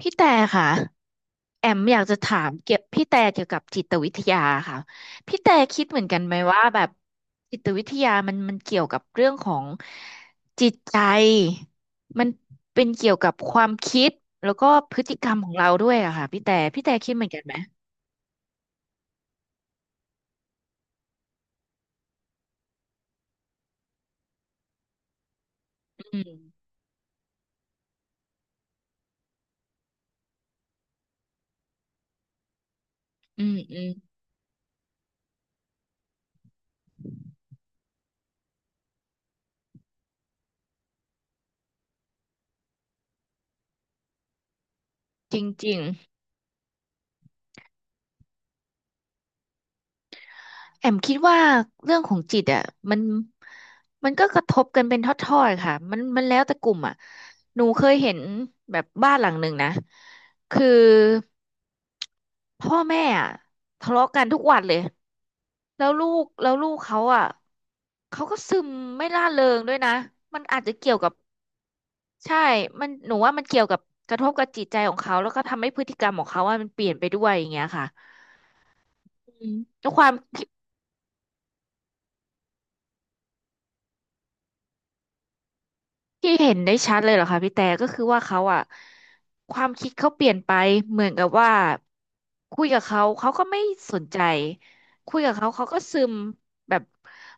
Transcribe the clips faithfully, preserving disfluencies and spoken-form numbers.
พี่แต่ค่ะแอมอยากจะถามเกี่ยวพี่แต่เกี่ยวกับจิตวิทยาค่ะพี่แต่คิดเหมือนกันไหมว่าแบบจิตวิทยามันมันเกี่ยวกับเรื่องของจิตใจมันเป็นเกี่ยวกับความคิดแล้วก็พฤติกรรมของเราด้วยอะค่ะพี่แต่พี่แต่คิดเหมือนกันไหมอืมอืมอืมจริงจริง แอมคิดว่าเรื่องของจิตอ่ะมันมันก็กระทบกันเป็นทอดๆค่ะมันมันแล้วแต่กลุ่มอ่ะหนูเคยเห็นแบบบ้านหลังหนึ่งนะคือพ่อแม่อ่ะทะเลาะกันทุกวันเลยแล้วลูกแล้วลูกเขาอ่ะเขาก็ซึมไม่ร่าเริงด้วยนะมันอาจจะเกี่ยวกับใช่มันหนูว่ามันเกี่ยวกับกระทบกับจิตใจของเขาแล้วก็ทำให้พฤติกรรมของเขาว่ามันเปลี่ยนไปด้วยอย่างเงี้ยค่ะอืมแล้วความ ที่เห็นได้ชัดเลยเหรอคะพี่แต่ก็คือว่าเขาอะความคิดเขาเปลี่ยนไปเหมือนกับว่าคุยกับเขาเขาก็ไม่สนใจคุยกับเขาเขาก็ซึมแบบ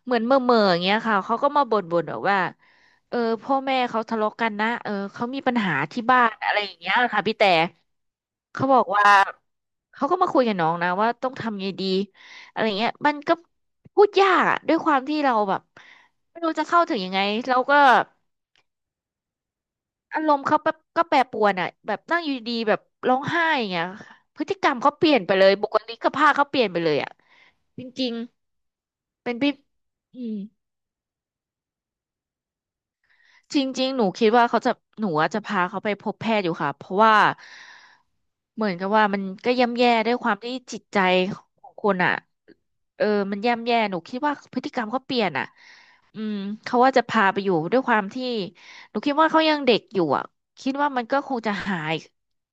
เหมือนเม่อเม่ออย่างเงี้ยค่ะเขาก็มาบ่นบ่นแบบว่าเออพ่อแม่เขาทะเลาะกันนะเออเขามีปัญหาที่บ้านอะไรอย่างเงี้ยค่ะพี่แต่เขาบอกว่าเขาก็มาคุยกับน้องนะว่าต้องทำไงดีอะไรเงี้ยมันก็พูดยากอะด้วยความที่เราแบบไม่รู้จะเข้าถึงยังไงเราก็ อารมณ์เขาแบบก็แปรปรวนอ่ะแบบนั่งอยู่ดีๆแบบร้องไห้อย่างเงี้ยพฤติกรรมเขาเปลี่ยนไปเลยบุคลิกภาพเขาเปลี่ยนไปเลยอ่ะจริงๆเป็นพี่อืม จริงๆหนูคิดว่าเขาจะหนูอะจะพาเขาไปพบแพทย์อยู่ค่ะเพราะว่าเหมือนกับว่ามันก็ย่ำแย่ด้วยความที่จิตใจของคนอ่ะเออมันย่ำแย่หนูคิดว่าพฤติกรรมเขาเปลี่ยนอ่ะอืมเขาว่าจะพาไปอยู่ด้วยความที่หนูคิดว่าเขายังเด็กอยู่อ่ะคิดว่ามันก็คงจะหาย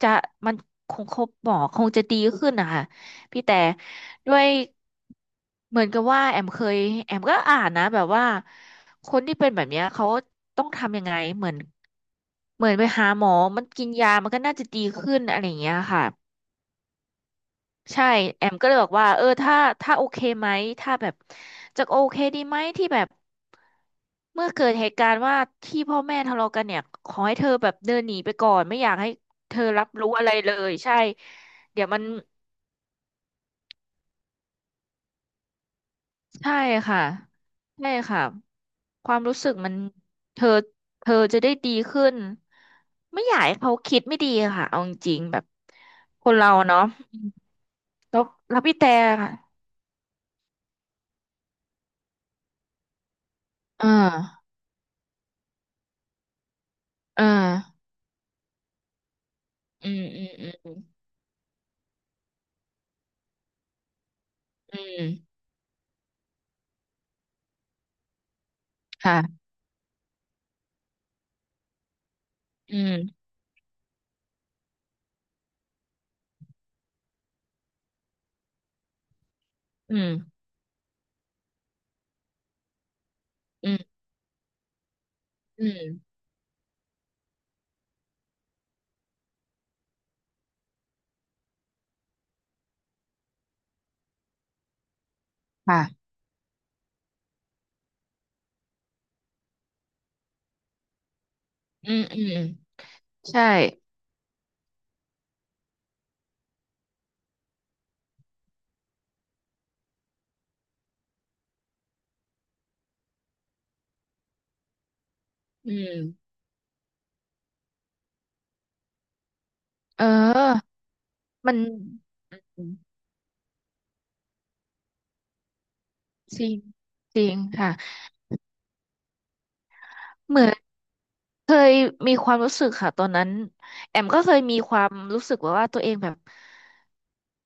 จะมันคงครบหมอคงจะดีขึ้นนะคะพี่แต่ด้วยเหมือนกับว่าแอมเคยแอมก็อ่านนะแบบว่า คนที่เป็นแบบเนี้ยเขาต้องทำยังไงเหมือนเหมือนไปหาหมอมันกินยามันก็น่าจะดีขึ้นอะไรอย่างเงี้ยค่ะใช่แอมก็เลยบอกว่าเออถ้าถ้าโอเคไหมถ้าแบบจะโอเคดีไหมที่แบบเมื่อเกิดเหตุการณ์ว่าที่พ่อแม่ทะเลาะกันเนี่ยขอให้เธอแบบเดินหนีไปก่อนไม่อยากให้เธอรับรู้อะไรเลยใช่เดี๋ยวมัน ใช่ค่ะใช่ค่ะความรู้สึกมันเธอเธอจะได้ดีขึ้นไม่อยากให้เขาคิดไม่ดีค่ะเอาจริงๆแบบคนเราเนาะอืมแล้วแล้วพี่แต่ค่ะเออเอออืมอืมอืมอืมค่ะอืมอืมอืมอืมค่ะอืมอืมใช่อืมเออมันจริงจริงค่ะเหมือน เคยมีความรู้สึกค่ะตอนนั้นแอมก็เคยมีความรู้สึกแบบว่าตัวเองแบบ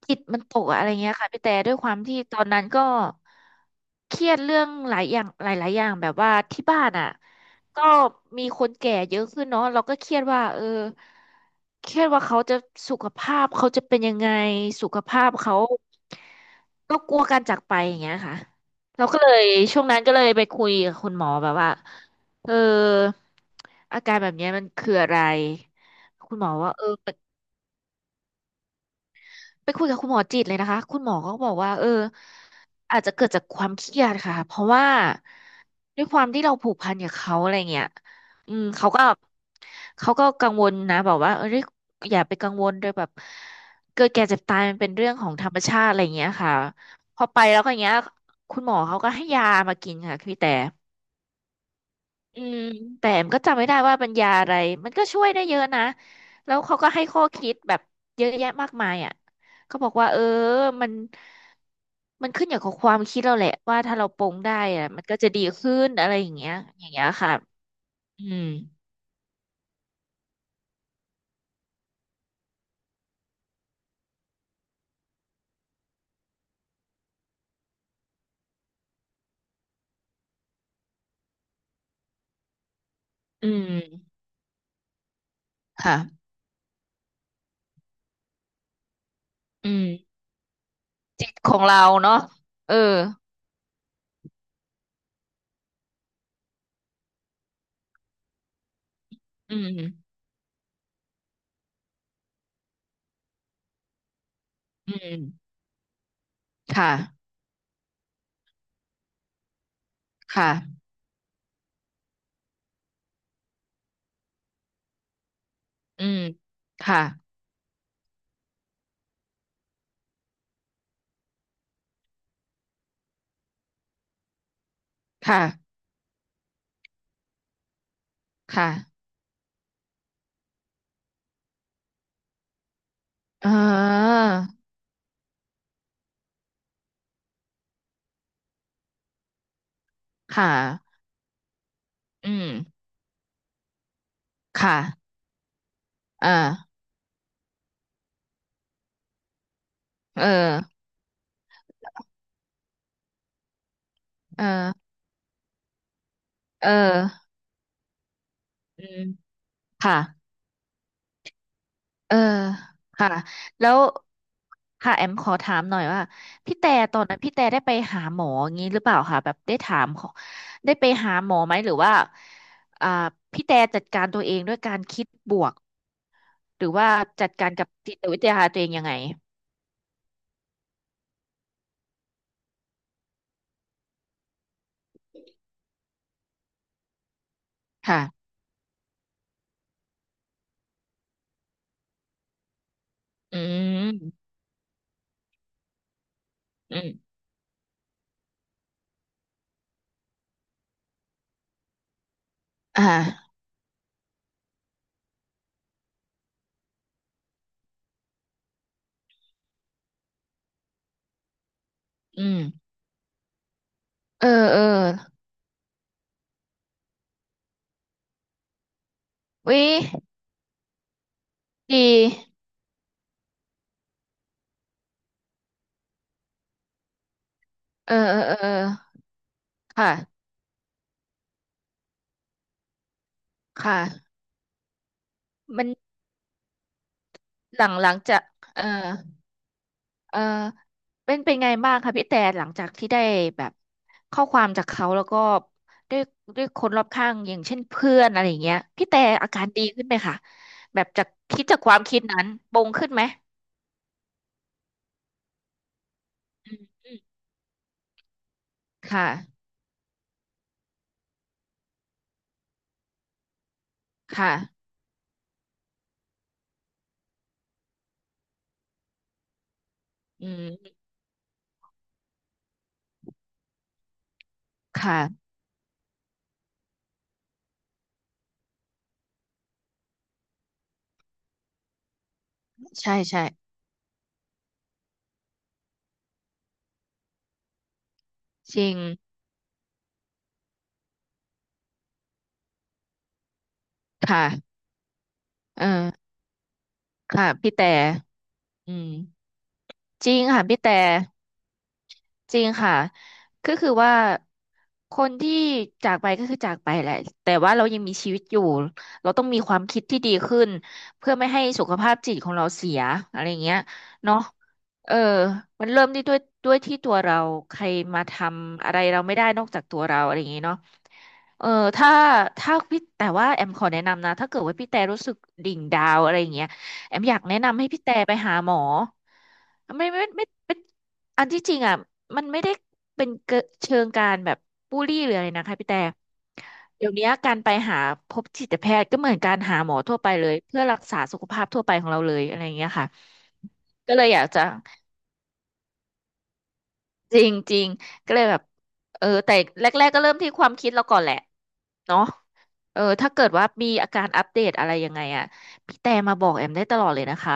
จิตมันตกอะอะไรเงี้ยค่ะพี่แต่ด้วยความที่ตอนนั้นก็เครียดเรื่องหลายอย่างหลายๆอย่างแบบว่าที่บ้านอ่ะก็มีคนแก่เยอะขึ้นเนาะเราก็เครียดว่าเออเครียดว่าเขาจะสุขภาพเขาจะเป็นยังไงสุขภาพเขาก็กลัวการจากไปอย่างเงี้ยค่ะเราก็เลยช่วงนั้นก็เลยไปคุยกับคุณหมอแบบว่า เอออาการแบบเนี้ยมันคืออะไรคุณหมอว่าเออไปไปคุยกับคุณหมอจิตเลยนะคะคุณหมอก็บอกว่าเอออาจจะเกิดจากความเครียดค่ะเพราะว่าด้วยความที่เราผูกพันกับเขาอะไรเงี้ยอืมเขาก็เขาก็กังวลนะบอกว่าเอออย่าไปกังวลโดยแบบเกิดแก่เจ็บตายมันเป็นเรื่องของธรรมชาติอะไรเงี้ยค่ะพอไปแล้วก็อย่างเงี้ยคุณหมอเขาก็ให้ยามากินค่ะพี่แต่ อืมแต่มันก็จำไม่ได้ว่าเป็นยาอะไรมันก็ช่วยได้เยอะนะแล้วเขาก็ให้ข้อคิดแบบเยอะแยะมากมายอ่ะเขาบอกว่าเออมันมันขึ้นอยู่กับความคิดเราแหละว่าถ้าเราปลงได้อ่ะมันก็จะดีขึ้นอะไรอย่างเงี้ยอย่างเงี้ยค่ะอืมอืมค่ะอืมจิตของเราเนาะเอออืมอืมค่ะค่ะอืมค่ะค่ะค่ะเออค่ะอืมค่ะ เออเออเออเอออืมค่ะ เออ ค่ะ แล้วค่ะแอมขอถามหน่อยว่าพี่แต่ตอนนั้นพี่แต่ได้ไปหาหมออย่างนี้หรือเปล่าคะแบบได้ถามเขาได้ไปหาหมอไหมหรือว่าอ่าพี่แต่จัดการตัวเองด้วยการคิดบวกหรือว่าจัดการกับจิตวิทยาตัวเองยังไงค่ะอืมอืมอ่าอืมเออเออ วิดีเออเออเออค่ะค่ะ มันหลังหลังจากเออเออเป็นเป็นไงบ้างคะพี่แต่หลังจากที่ได้แบบข้อความจากเขาแล้วก็ด้วยด้วยคนรอบข้างอย่างเช่นเพื่อนอะไรอย่างเงี้ยพี่แต่อาการดีขึ้นไหมคะแบบจากคิดจากความคิดนั้นปรงขึ้นไหมอืมอืมค่ะค่ะอืมค่ะใช่ใช่จริงค่ะเออค่ะพี่แต่อืมจริงค่ะพี่แต่ จริงค่ะก็คือว่าคนที่จากไปก็คือจากไปแหละแต่ว่าเรายังมีชีวิตอยู่เราต้องมีความคิดที่ดีขึ้นเพื่อไม่ให้สุขภาพจิตของเราเสียอะไรเงี้ยเนาะเออมันเริ่มที่ด้วยด้วยที่ตัวเราใครมาทำอะไรเราไม่ได้นอกจากตัวเราอะไรอย่างงี้เนาะเออถ้าถ้าพี่แต่ว่าแอมขอแนะนำนะถ้าเกิดว่าพี่แต่รู้สึกดิ่งดาวอะไรอย่างเงี้ยแอมอยากแนะนำให้พี่แต่ไปหาหมอไม่ไม่ไม่ไม่ อันที่จริงอ่ะมันไม่ได้เป็นเกเชิงการแบบบูลลี่หรืออะไรนะคะพี่แต่เดี๋ยวนี้การไปหาพบจิตแพทย์ก็เหมือนการหาหมอทั่วไปเลยเพื่อรักษาสุขภาพทั่วไปของเราเลยอะไรอย่างเงี้ยค่ะก็เลยอยากจะจริงจริงก็เลยแบบเออแต่แรกๆก็เริ่มที่ความคิดเราก่อนแหละเนาะเออถ้าเกิดว่ามีอาการอัปเดตอะไรยังไงอ่ะพี่แต่มาบอกแอมได้ตลอดเลยนะคะ